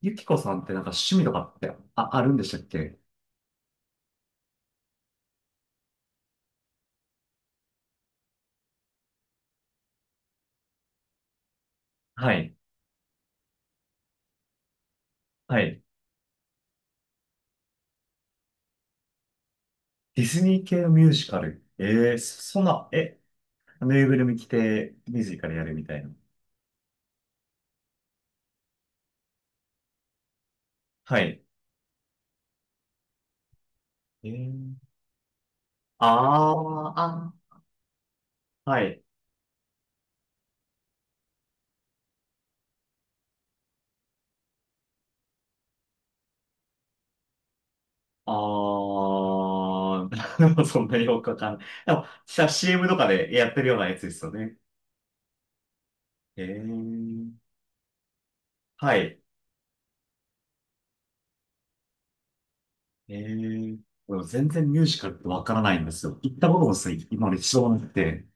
ゆきこさんってなんか趣味とかってあるんでしたっけ？はい。はい。ディズニー系のミュージカル。ええ、そんなぬいぐるみ着てミュージカルやるみたいな。はい。えー、あー、あー、はい。あー、でもそんなによくわかんない。でも、CM とかでやってるようなやつですよね。えー、はい。えー、でも全然ミュージカルってわからないんですよ。行ったことも今まで一度もなくて。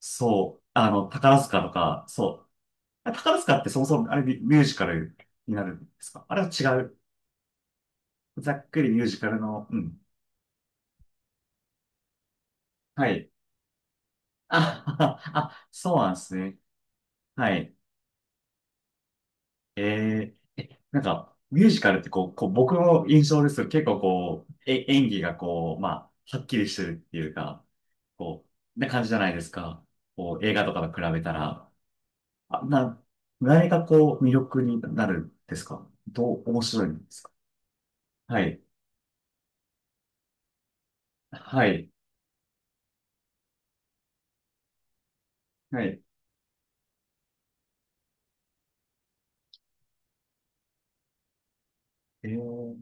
そう。あの、宝塚とか、そう。あ、宝塚ってそもそも、あれミュージカルになるんですか？あれは違う。ざっくりミュージカルの、うん。はい。あ、あ、そうなんですね。はい。えー、なんか、ミュージカルってこう僕の印象ですけど、結構こう、演技がこう、まあ、はっきりしてるっていうか、こう、な感じじゃないですか。こう、映画とかと比べたら。あ、何がこう、魅力になるんですか？面白いんですか？はい。はい。はい。えー、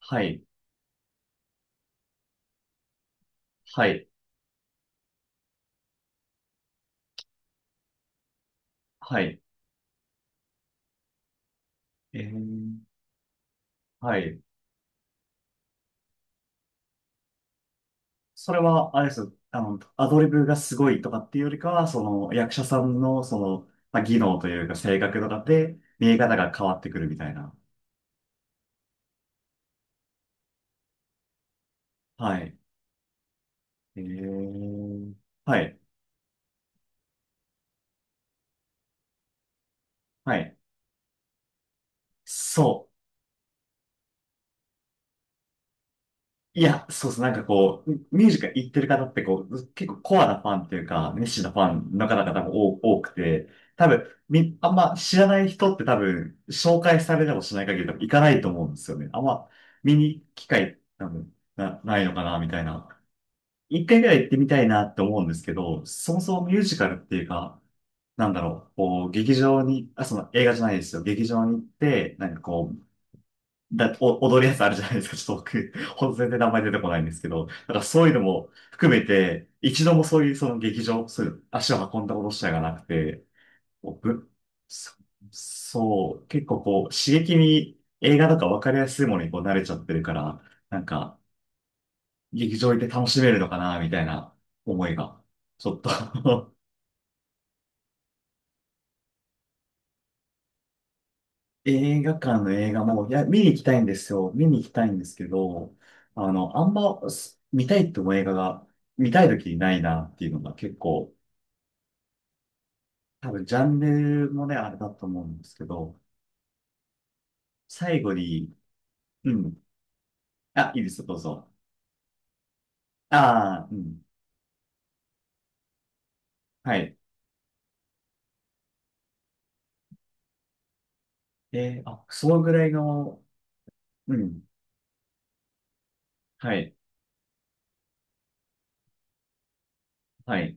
はい。はい。はい。えー、はい。それは、あれです。あの、アドリブがすごいとかっていうよりかは、その、役者さんの、その、まあ、技能というか、性格とかで、見え方が変わってくるみたいな。はい。えー、はい。はい。そう。いや、そうなんかこう、ミュージカル行ってる方ってこう、結構コアなファンっていうか、熱心なファンの方々も多くて、多分、あんま知らない人って多分、紹介されてもしない限り多分行かないと思うんですよね。あんま見に行く機会多分ないのかな、みたいな。一回ぐらい行ってみたいなって思うんですけど、そもそもミュージカルっていうか、なんだろう、こう、劇場に、あ、その映画じゃないですよ。劇場に行って、なんかこう、踊るやつあるじゃないですか。ちょっと僕、ほんと全然名前出てこないんですけど、だからそういうのも含めて、一度もそういうその劇場、そういう足を運んだことしたがなくて、僕、そ、そう、結構こう、刺激に映画とか分かりやすいものにこう慣れちゃってるから、なんか、劇場行って楽しめるのかな、みたいな思いが、ちょっと映画館の映画も、いや、見に行きたいんですよ。見に行きたいんですけど、あの、あんま、見たいって思う映画が、見たい時にないなっていうのが結構、多分ジャンルもね、あれだと思うんですけど、最後に、うん。あ、いいですよ、どうぞ。ああ、うん。はい。あ、そのぐらいの、うん。はい。はい。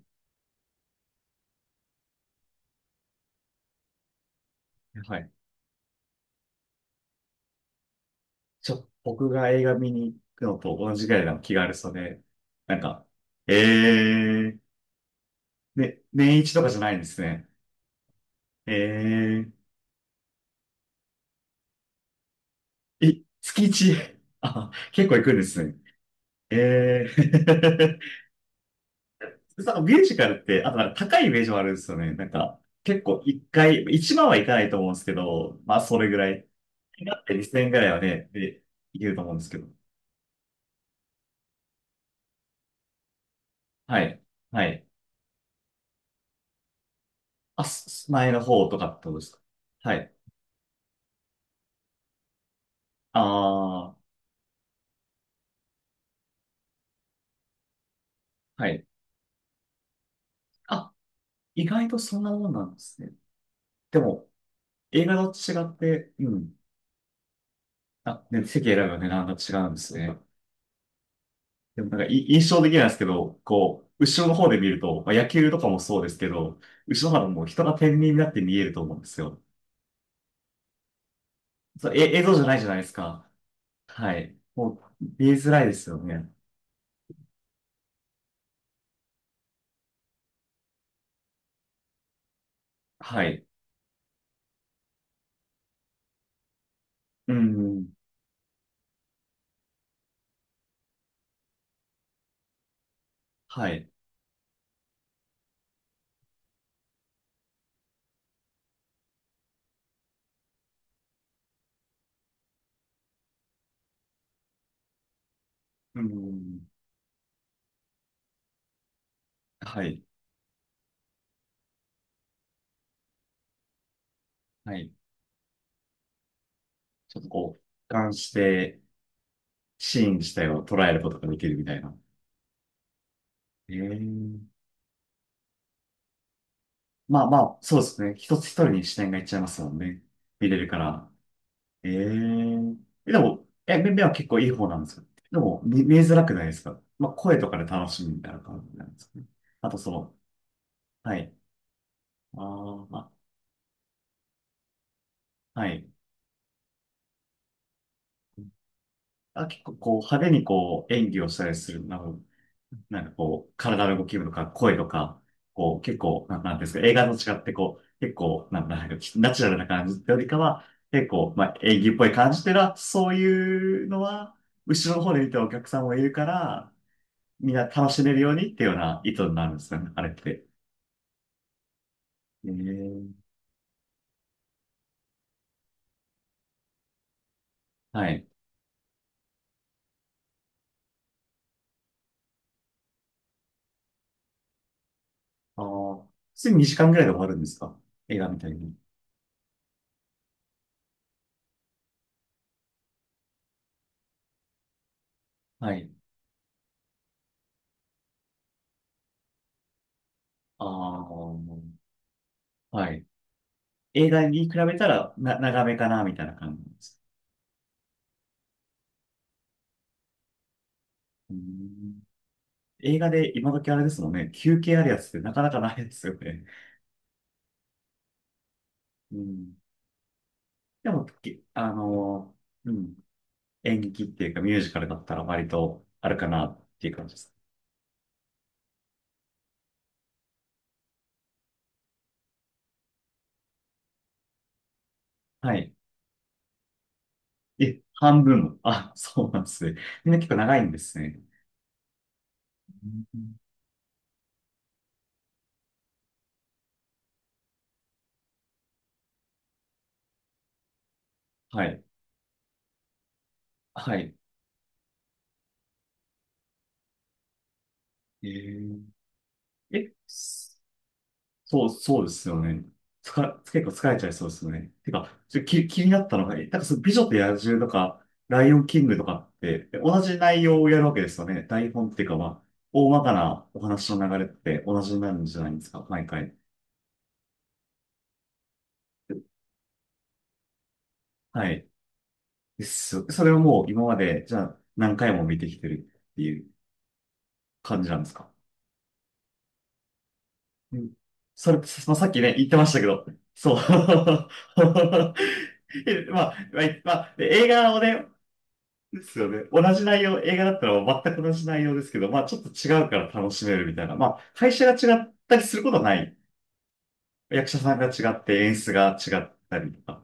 はい。僕が映画見に行くのと同じぐらいの気軽さで、なんか、えー、ね、年一とかじゃないんですね。ええ月一。 あ、結構行くんですね。ええ。 なんか ミュージカルって、あとなんか高いイメージもあるんですよね。なんか、結構一回、一万はいかないと思うんですけど、まあそれぐらい。だって2000円ぐらいはね、で、いけると思うんですけど。はい。はい。あ、前の方とかってことですか？はい。ああ、はい。あ、意外とそんなもんなんですね。でも、映画と違って、うん。あ、席選ぶよね、なんか違うんですね。でもなんか印象的なんですけど、こう、後ろの方で見ると、まあ、野球とかもそうですけど、後ろの方も人が天秤になって見えると思うんですよ。それ、映像じゃないじゃないですか。はい。もう、見えづらいですよね。はい。うん。はい。うん。はい。はい。ちょっとこう、俯瞰して、シーン自体を捉えることができるみたいな。ええ、まあまあ、そうですね。一人に視点がいっちゃいますもんね。見れるから。えええでも、目は結構いい方なんですよ。でも、見えづらくないですか？まあ、声とかで楽しみみたいな感じなんですかね。あと、その、はい。まあ、はい。あ、結構、こう、派手にこう、演技をしたりする、なんかこう、体の動きとか、声とか、こう、結構、なんていうんですか、映画と違って、こう、結構、なんかナチュラルな感じってよりかは、結構、まあ、演技っぽい感じっていうのは、そういうのは、後ろの方で見てるお客さんもいるから、みんな楽しめるようにっていうような意図になるんですよね、あれって。えー、はい。ああ、普通に2時間ぐらいで終わるんですか？映画みたいに。はい。ああ、はい。映画に比べたら長めかな、みたいな感じなんです。うん。映画で今時あれですもんね、休憩あるやつってなかなかないですよね。うん、でも、きあのーうん、演劇っていうかミュージカルだったら割とあるかなっていう感じです。はい。いえ、半分も。あ、そうなんですね。みんな結構長いんですね。うん、はい。はい。えー、え、そうですよね。つか、結構疲れちゃいそうですよね。てか、ちょ、気、気になったのが、なんかその美女と野獣とか、ライオンキングとかって、同じ内容をやるわけですよね。台本っていうか、まあ、大まかなお話の流れって同じになるんじゃないんですか、毎回。はい。です。それをもう今まで、じゃあ何回も見てきてるっていう感じなんですか？うん。それ、そさっきね、言ってましたけど、そう。えまあ、まあ、まあで映画をね、ですよね。同じ内容、映画だったら全く同じ内容ですけど、まあちょっと違うから楽しめるみたいな。まあ会社が違ったりすることはない。役者さんが違って演出が違ったりとか。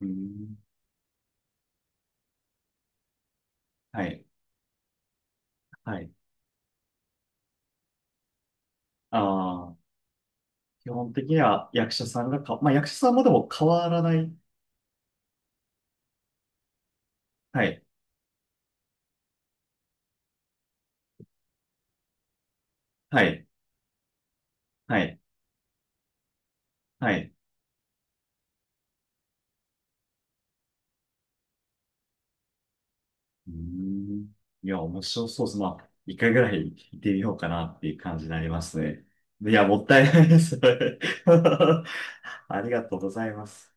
うん。はい。はい。ああ、基本的には役者さんがか、まあ役者さんもでも変わらない。はい。はい。はい。はい。うーん。いや、面白そうです。まあ、一回ぐらい行ってみようかなっていう感じになりますね。いや、もったいないです。ありがとうございます。